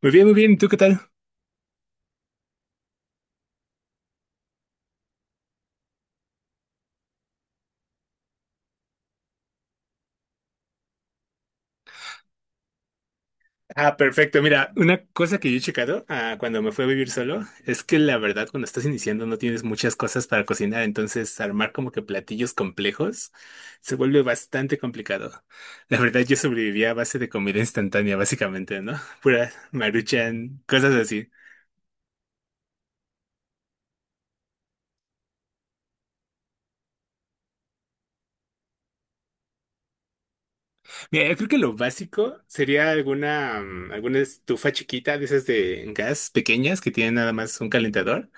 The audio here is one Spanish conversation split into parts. Muy bien, muy bien. ¿Y tú qué tal? Ah, perfecto. Mira, una cosa que yo he checado cuando me fui a vivir solo es que la verdad cuando estás iniciando no tienes muchas cosas para cocinar, entonces armar como que platillos complejos se vuelve bastante complicado. La verdad yo sobrevivía a base de comida instantánea, básicamente, ¿no? Pura Maruchan, cosas así. Mira, yo creo que lo básico sería alguna estufa chiquita de esas de gas pequeñas que tienen nada más un calentador.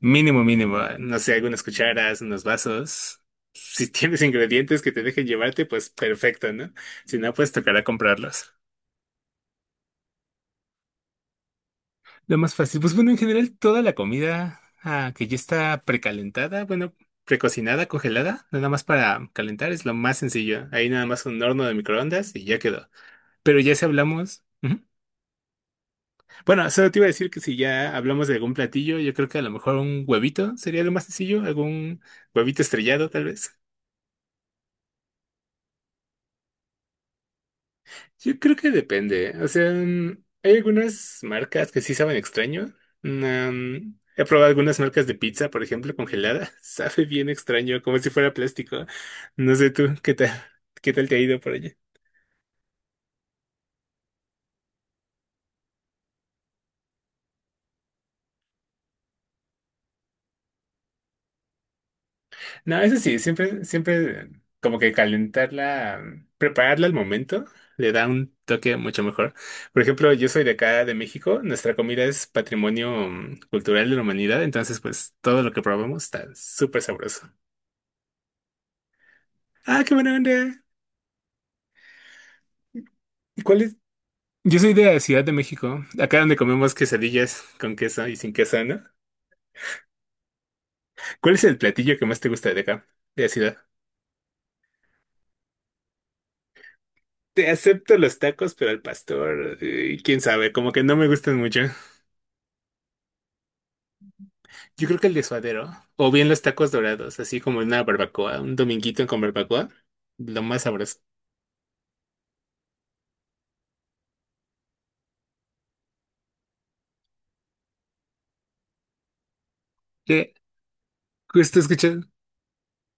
Mínimo, mínimo. No sé, algunas cucharas, unos vasos. Si tienes ingredientes que te dejen llevarte, pues perfecto, ¿no? Si no, pues tocará comprarlos. Lo más fácil, pues bueno, en general toda la comida que ya está precalentada, bueno, precocinada, congelada, nada más para calentar es lo más sencillo. Ahí nada más un horno de microondas y ya quedó. Pero ya si hablamos... Ujú. Bueno, solo te iba a decir que si ya hablamos de algún platillo, yo creo que a lo mejor un huevito sería lo más sencillo, algún huevito estrellado tal vez. Yo creo que depende. ¿Eh? O sea, hay algunas marcas que sí saben extraño. Mm, he probado algunas marcas de pizza, por ejemplo, congelada. Sabe bien extraño, como si fuera plástico. No sé tú, ¿qué tal? ¿Qué tal te ha ido por allá? No, eso sí, siempre, siempre como que prepararla al momento, le da un toque mucho mejor. Por ejemplo, yo soy de acá, de México. Nuestra comida es patrimonio cultural de la humanidad. Entonces, pues todo lo que probamos está súper sabroso. Ah, qué buena onda. ¿Y cuál es? Yo soy de la Ciudad de México, acá donde comemos quesadillas con queso y sin queso, ¿no? ¿Cuál es el platillo que más te gusta de acá, de la ciudad? Te acepto los tacos, pero al pastor, quién sabe, como que no me gustan mucho. Yo creo que el de suadero, o bien los tacos dorados, así como una barbacoa, un dominguito con barbacoa, lo más sabroso. ¿Qué? Justo escuchar.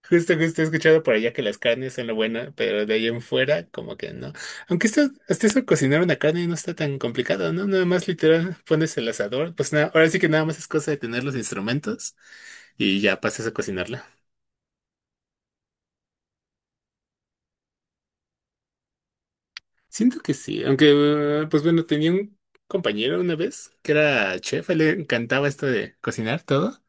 Justo, justo he escuchado por allá que las carnes son lo bueno, pero de ahí en fuera, como que no. Aunque esto, hasta eso cocinar una carne no está tan complicado, ¿no? Nada más literal pones el asador, pues nada, ahora sí que nada más es cosa de tener los instrumentos y ya pasas a cocinarla. Siento que sí, aunque, pues bueno, tenía un compañero una vez que era chef, a él le encantaba esto de cocinar todo.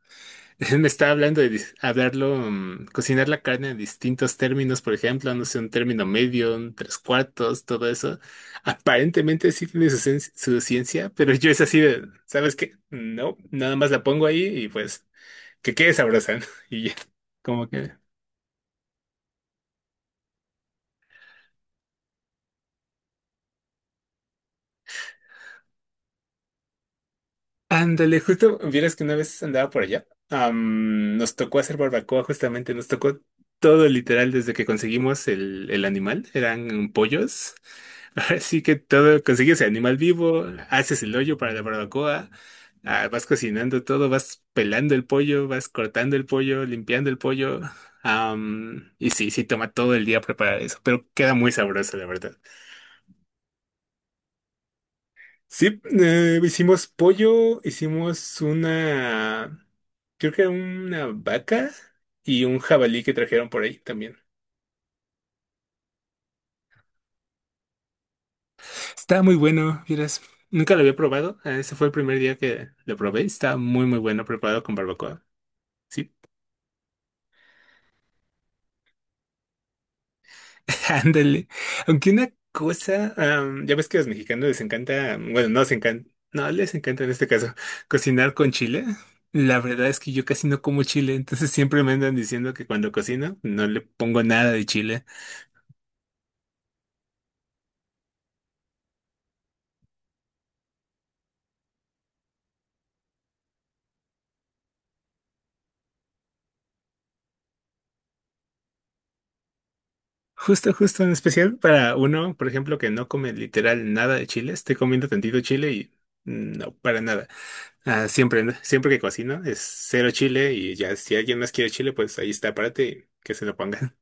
Me estaba hablando de cocinar la carne en distintos términos, por ejemplo, no sé, un término medio, un tres cuartos, todo eso. Aparentemente sí tiene su, su ciencia, pero yo es así de, ¿sabes qué? No, nada más la pongo ahí y pues que quede sabrosa, ¿no? Y ya, como que... Ándale, justo, vieras que una vez andaba por allá, nos tocó hacer barbacoa, justamente nos tocó todo literal desde que conseguimos el animal, eran pollos. Así que todo, consigues el animal vivo, haces el hoyo para la barbacoa, vas cocinando todo, vas pelando el pollo, vas cortando el pollo, limpiando el pollo. Y sí, sí toma todo el día preparar eso, pero queda muy sabroso, la verdad. Sí, hicimos pollo, hicimos una, creo que era una vaca y un jabalí que trajeron por ahí también. Está muy bueno, vieras. Nunca lo había probado. Ese fue el primer día que lo probé. Está muy, muy bueno preparado con barbacoa. Sí, ándale. Aunque una cosa, ya ves que a los mexicanos les encanta, mm, bueno, no les encanta, no les encanta en este caso, cocinar con chile. La verdad es que yo casi no como chile, entonces siempre me andan diciendo que cuando cocino no le pongo nada de chile. Justo, justo, en especial para uno, por ejemplo, que no come literal nada de chile, estoy comiendo tantito chile y no, para nada. Ah, siempre, ¿no? Siempre que cocino es cero chile y ya si alguien más quiere chile, pues ahí está, párate y que se lo pongan.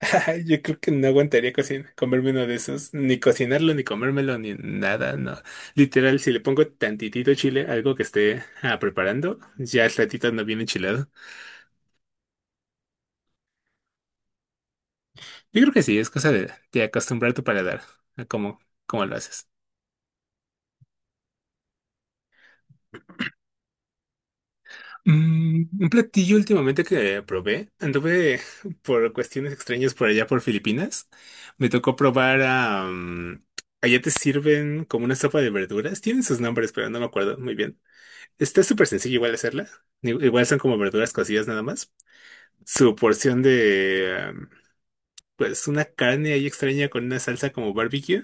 Yo creo que no aguantaría cocina, comerme uno de esos, ni cocinarlo, ni comérmelo, ni nada, no. Literal, si le pongo tantitito chile, algo que esté preparando, ya el ratito no viene enchilado. Yo creo que sí, es cosa de acostumbrar tu paladar a cómo, cómo lo haces. Mm, un platillo últimamente que probé, anduve por cuestiones extrañas por allá por Filipinas, me tocó probar allá te sirven como una sopa de verduras. Tienen sus nombres, pero no me acuerdo muy bien. Está súper sencillo igual hacerla. Igual son como verduras cocidas nada más. Su porción de pues, una carne ahí extraña con una salsa como barbecue.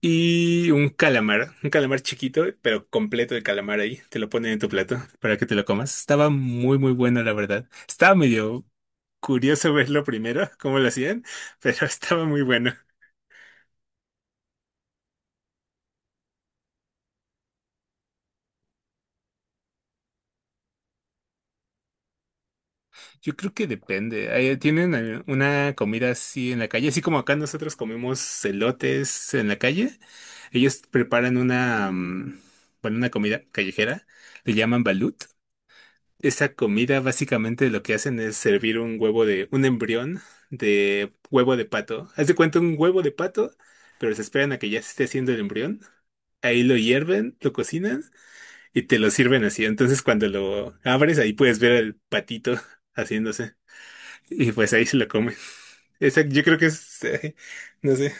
Y un calamar chiquito, pero completo de calamar ahí. Te lo ponen en tu plato para que te lo comas. Estaba muy, muy bueno, la verdad. Estaba medio curioso verlo primero, cómo lo hacían, pero estaba muy bueno. Yo creo que depende. Ahí tienen una comida así en la calle, así como acá nosotros comemos elotes en la calle. Ellos preparan una, bueno, una comida callejera, le llaman balut. Esa comida básicamente lo que hacen es servir un huevo de, un embrión de huevo de pato. Haz de cuenta un huevo de pato, pero se esperan a que ya se esté haciendo el embrión. Ahí lo hierven, lo cocinan y te lo sirven así. Entonces cuando lo abres, ahí puedes ver el patito haciéndose. Y pues ahí se lo comen. Esa, yo creo que es, no sé,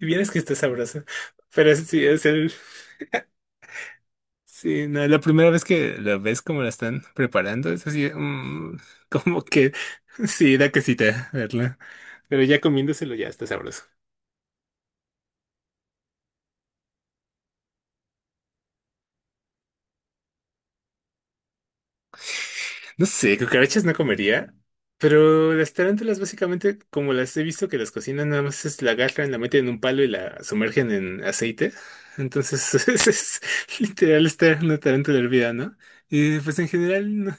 vieras que está sabroso. Pero sí, es el, sí, no, la primera vez que lo ves como la están preparando, es así, como que, sí, da cosita verla. Pero ya comiéndoselo ya está sabroso. No sé, cucarachas no comería, pero las tarántulas básicamente, como las he visto que las cocinan, nada más es la agarran, la meten en un palo y la sumergen en aceite. Entonces, es literal estar una tarántula hervida, ¿no? Y pues en general, no.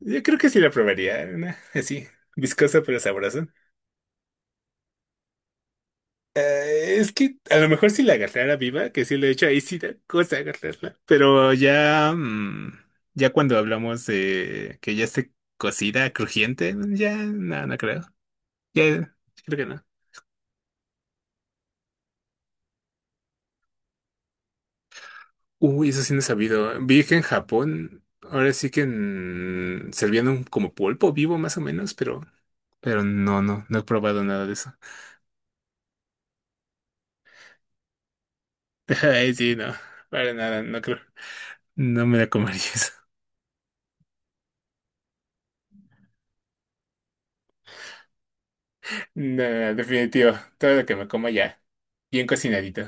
Yo creo que sí la probaría, una así, viscosa pero sabrosa. Es que a lo mejor si la agarrara viva, que sí lo he hecho, ahí sí da cosa agarrarla. Pero ya, ya cuando hablamos de que ya esté cocida, crujiente, ya no, no creo. Ya, creo que no. Uy, eso sí no he sabido. Vi que en Japón, ahora sí que servían como pulpo vivo más o menos, pero no, no, no he probado nada de eso. Ay, sí, no, para nada, no creo. No me la comería. No, definitivo. Todo lo que me como ya. Bien cocinadito.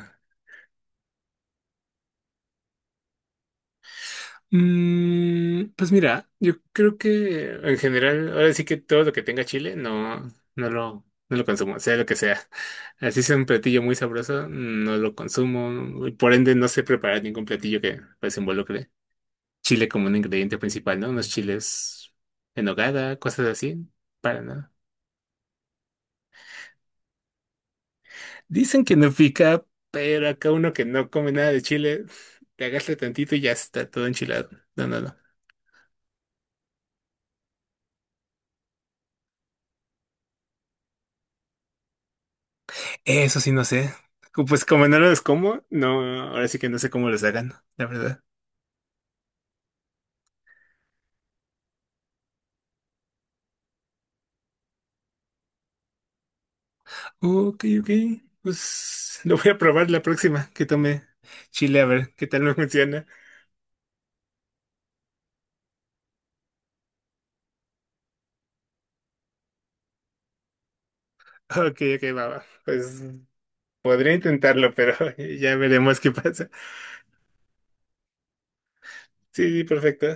Mm, pues mira, yo creo que en general, ahora sí que todo lo que tenga chile, no, no lo consumo, sea lo que sea. Así sea un platillo muy sabroso, no lo consumo. Y por ende, no sé preparar ningún platillo que pues involucre chile como un ingrediente principal, ¿no? Unos chiles en nogada, cosas así, para nada. Dicen que no pica, pero acá uno que no come nada de chile, te agarra tantito y ya está todo enchilado. No, no, no. Eso sí no sé. Pues como no los como, no, ahora sí que no sé cómo los hagan, la verdad. Ok, ok. Pues lo voy a probar la próxima que tome chile a ver qué tal me funciona. Ok, ok, va, va. Pues podría intentarlo, pero ya veremos qué pasa. Sí, sí, perfecto.